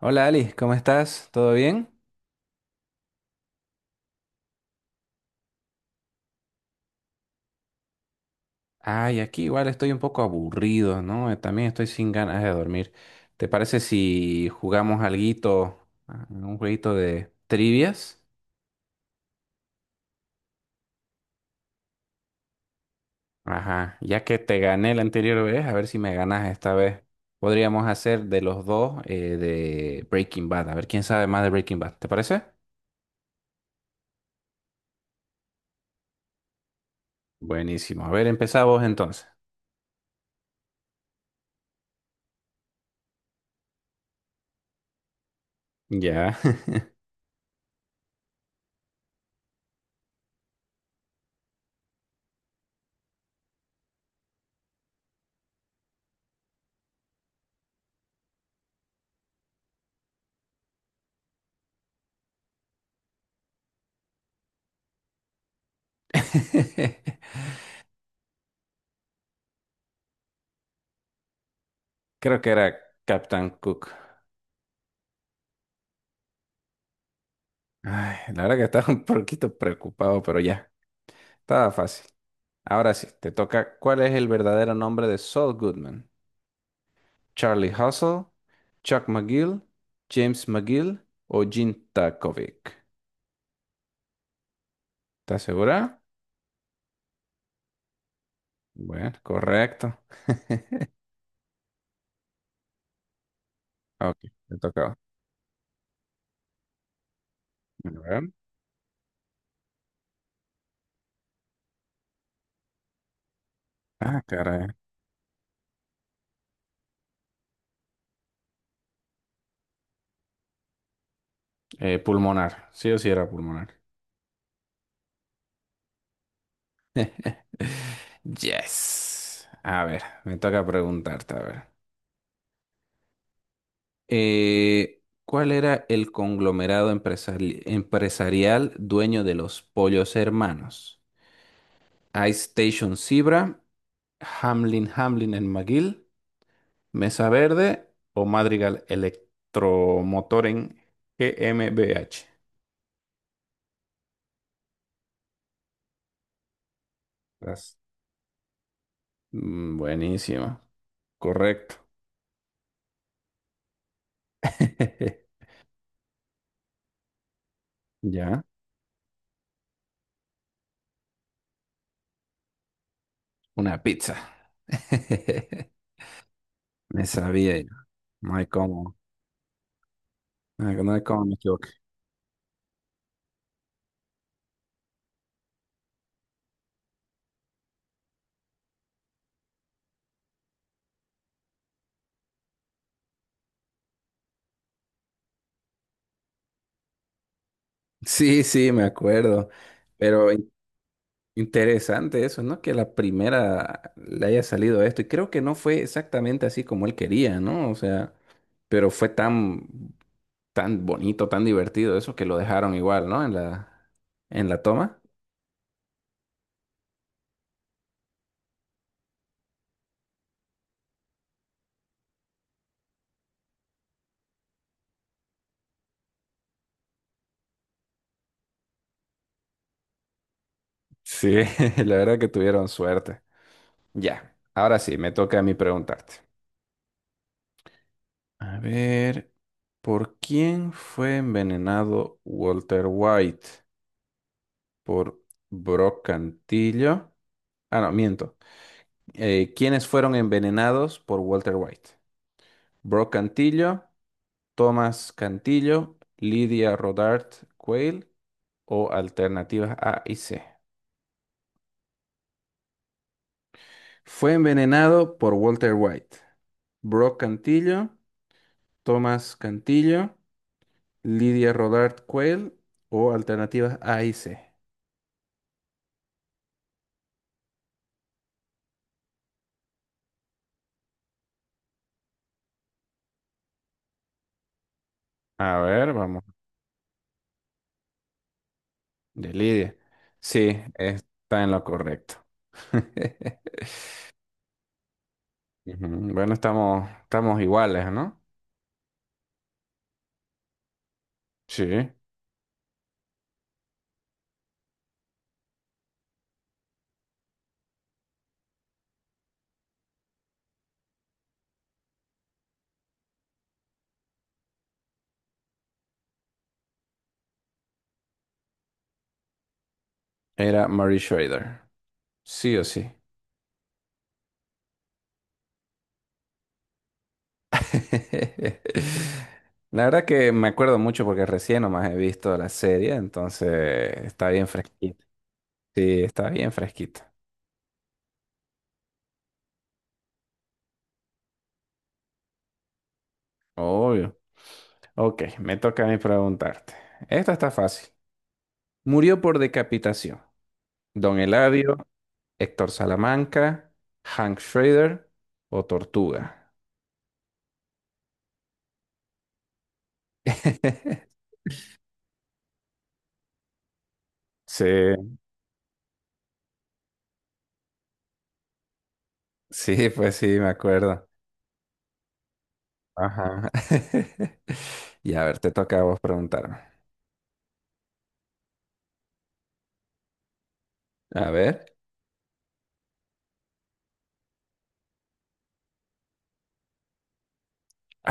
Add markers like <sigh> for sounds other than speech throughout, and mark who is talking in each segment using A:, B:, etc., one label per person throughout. A: Hola Ali, ¿cómo estás? ¿Todo bien? Ay, aquí igual estoy un poco aburrido, ¿no? También estoy sin ganas de dormir. ¿Te parece si jugamos alguito, un jueguito de trivias? Ajá, ya que te gané la anterior vez, a ver si me ganas esta vez. Podríamos hacer de los dos de Breaking Bad, a ver quién sabe más de Breaking Bad, ¿te parece? Buenísimo, a ver, empezamos entonces. Ya. <laughs> Creo que era Captain Cook. Ay, la verdad que estaba <laughs> un poquito preocupado, pero ya, estaba fácil. Ahora sí, te toca. ¿Cuál es el verdadero nombre de Saul Goodman? ¿Charlie Hustle, Chuck McGill, James McGill o Jean Takovic? ¿Estás segura? Bueno, correcto. <laughs> Ok, te toca. Bueno, a ver. Ah, caray. Pulmonar. Sí o sí era pulmonar. <laughs> Yes. A ver, me toca preguntarte, a ver. ¿Cuál era el conglomerado empresarial dueño de los Pollos Hermanos? Ice Station Zebra, Hamlin Hamlin en McGill, Mesa Verde o Madrigal Electromotor en GmbH. Las- Mm, buenísimo, correcto. <laughs> Ya, una pizza. <laughs> Me sabía yo. No hay cómo, no hay cómo me equivoqué. Sí, sí, me acuerdo. Pero interesante eso, ¿no? Que la primera le haya salido esto. Y creo que no fue exactamente así como él quería, ¿no? O sea, pero fue tan, tan bonito, tan divertido eso que lo dejaron igual, ¿no? En la toma. Sí, <laughs> la verdad que tuvieron suerte. Ya, ahora sí, me toca a mí preguntarte. A ver, ¿por quién fue envenenado Walter White? ¿Por Brock Cantillo? Ah, no, miento. ¿Quiénes fueron envenenados por Walter White? Brock Cantillo, Thomas Cantillo, Lydia Rodart Quayle o alternativas A y C. Fue envenenado por Walter White. Brock Cantillo, Thomas Cantillo, Lydia Rodart Quayle o alternativas A y C. A ver, vamos. De Lidia. Sí, está en lo correcto. <laughs> Ujú, bueno, estamos, estamos iguales, ¿no? Sí. Era Mary Schrader. Sí o sí. <laughs> La verdad que me acuerdo mucho porque recién nomás he visto la serie, entonces está bien fresquita. Sí, está bien fresquita. Obvio. Ok, me toca a mí preguntarte. Esta está fácil. Murió por decapitación. Don Eladio, Héctor Salamanca, Hank Schrader o Tortuga. <laughs> Sí, sí, pues sí, me acuerdo. Ajá. <laughs> Y a ver, te toca a vos preguntarme. A ver.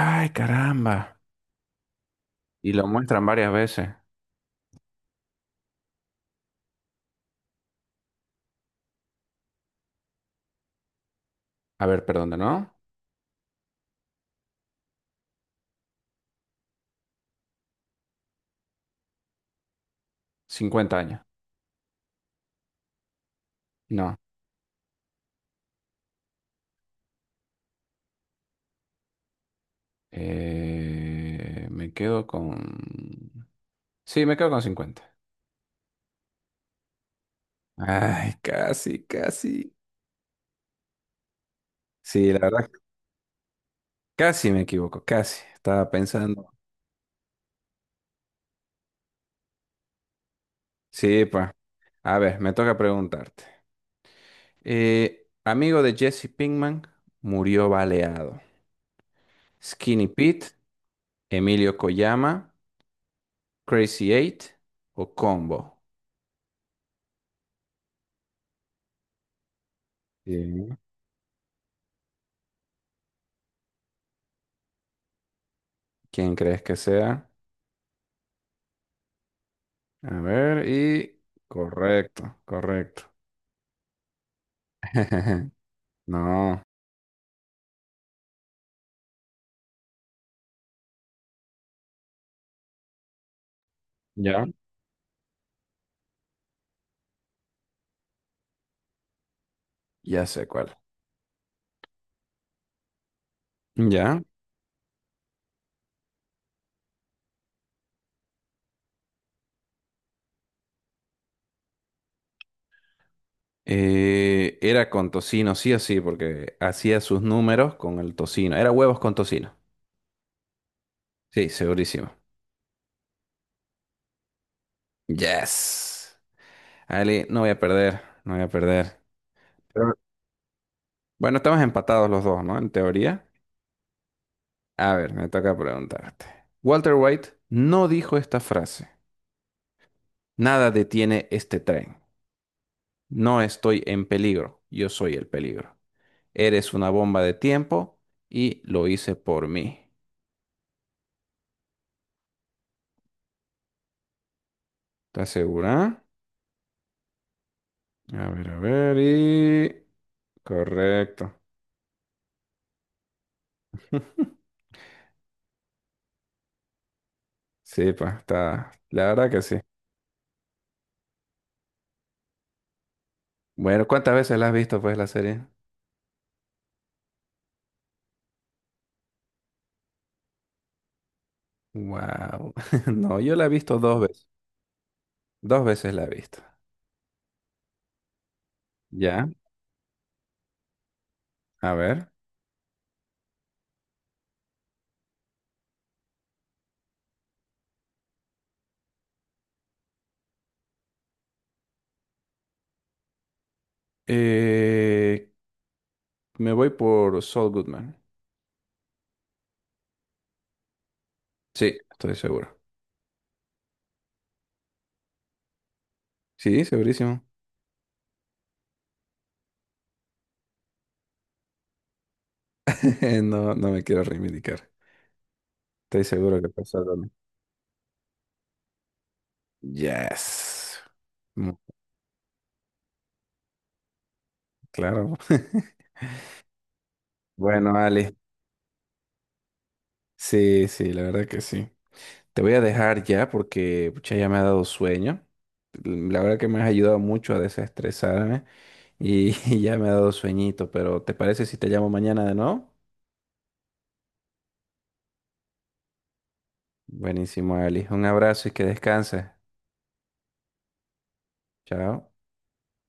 A: Ay, caramba. Y lo muestran varias veces. A ver, perdón, ¿de ¿no? 50 años. No. Me quedo con... Sí, me quedo con 50. Ay, casi, casi. Sí, la verdad, casi me equivoco, casi. Estaba pensando. Sí, pues. A ver, me toca preguntarte. Amigo de Jesse Pinkman murió baleado. Skinny Pete, Emilio Koyama, Crazy Eight o Combo. Bien. ¿Quién crees que sea? A ver, y correcto, correcto. <laughs> No, ya, ya sé cuál. Ya. Era con tocino, sí o sí, porque hacía sus números con el tocino. Era huevos con tocino. Sí, segurísimo. Yes. Ali, no voy a perder, no voy a perder. Pero- Bueno, estamos empatados los dos, ¿no? En teoría. A ver, me toca preguntarte. Walter White no dijo esta frase. Nada detiene este tren. No estoy en peligro, yo soy el peligro. Eres una bomba de tiempo y lo hice por mí. ¿Estás segura? A ver, y... Correcto. <laughs> Sí, pues está... La verdad que sí. Bueno, ¿cuántas veces la has visto, pues, la serie? Wow. <laughs> No, yo la he visto 2 veces. 2 veces la he visto. Ya, a ver. Eh, me voy por Saul Goodman. Sí, estoy seguro. Sí, segurísimo. <laughs> No, no me quiero reivindicar. Estoy seguro que pasó algo. Yes. Claro. <laughs> Bueno, Ale. Sí, sí, la verdad que sí. Te voy a dejar ya porque pucha, ya me ha dado sueño. La verdad que me has ayudado mucho a desestresarme y, <laughs> y ya me ha dado sueñito, pero ¿te parece si te llamo mañana de nuevo? Buenísimo, Ali. Un abrazo y que descanses. Chao.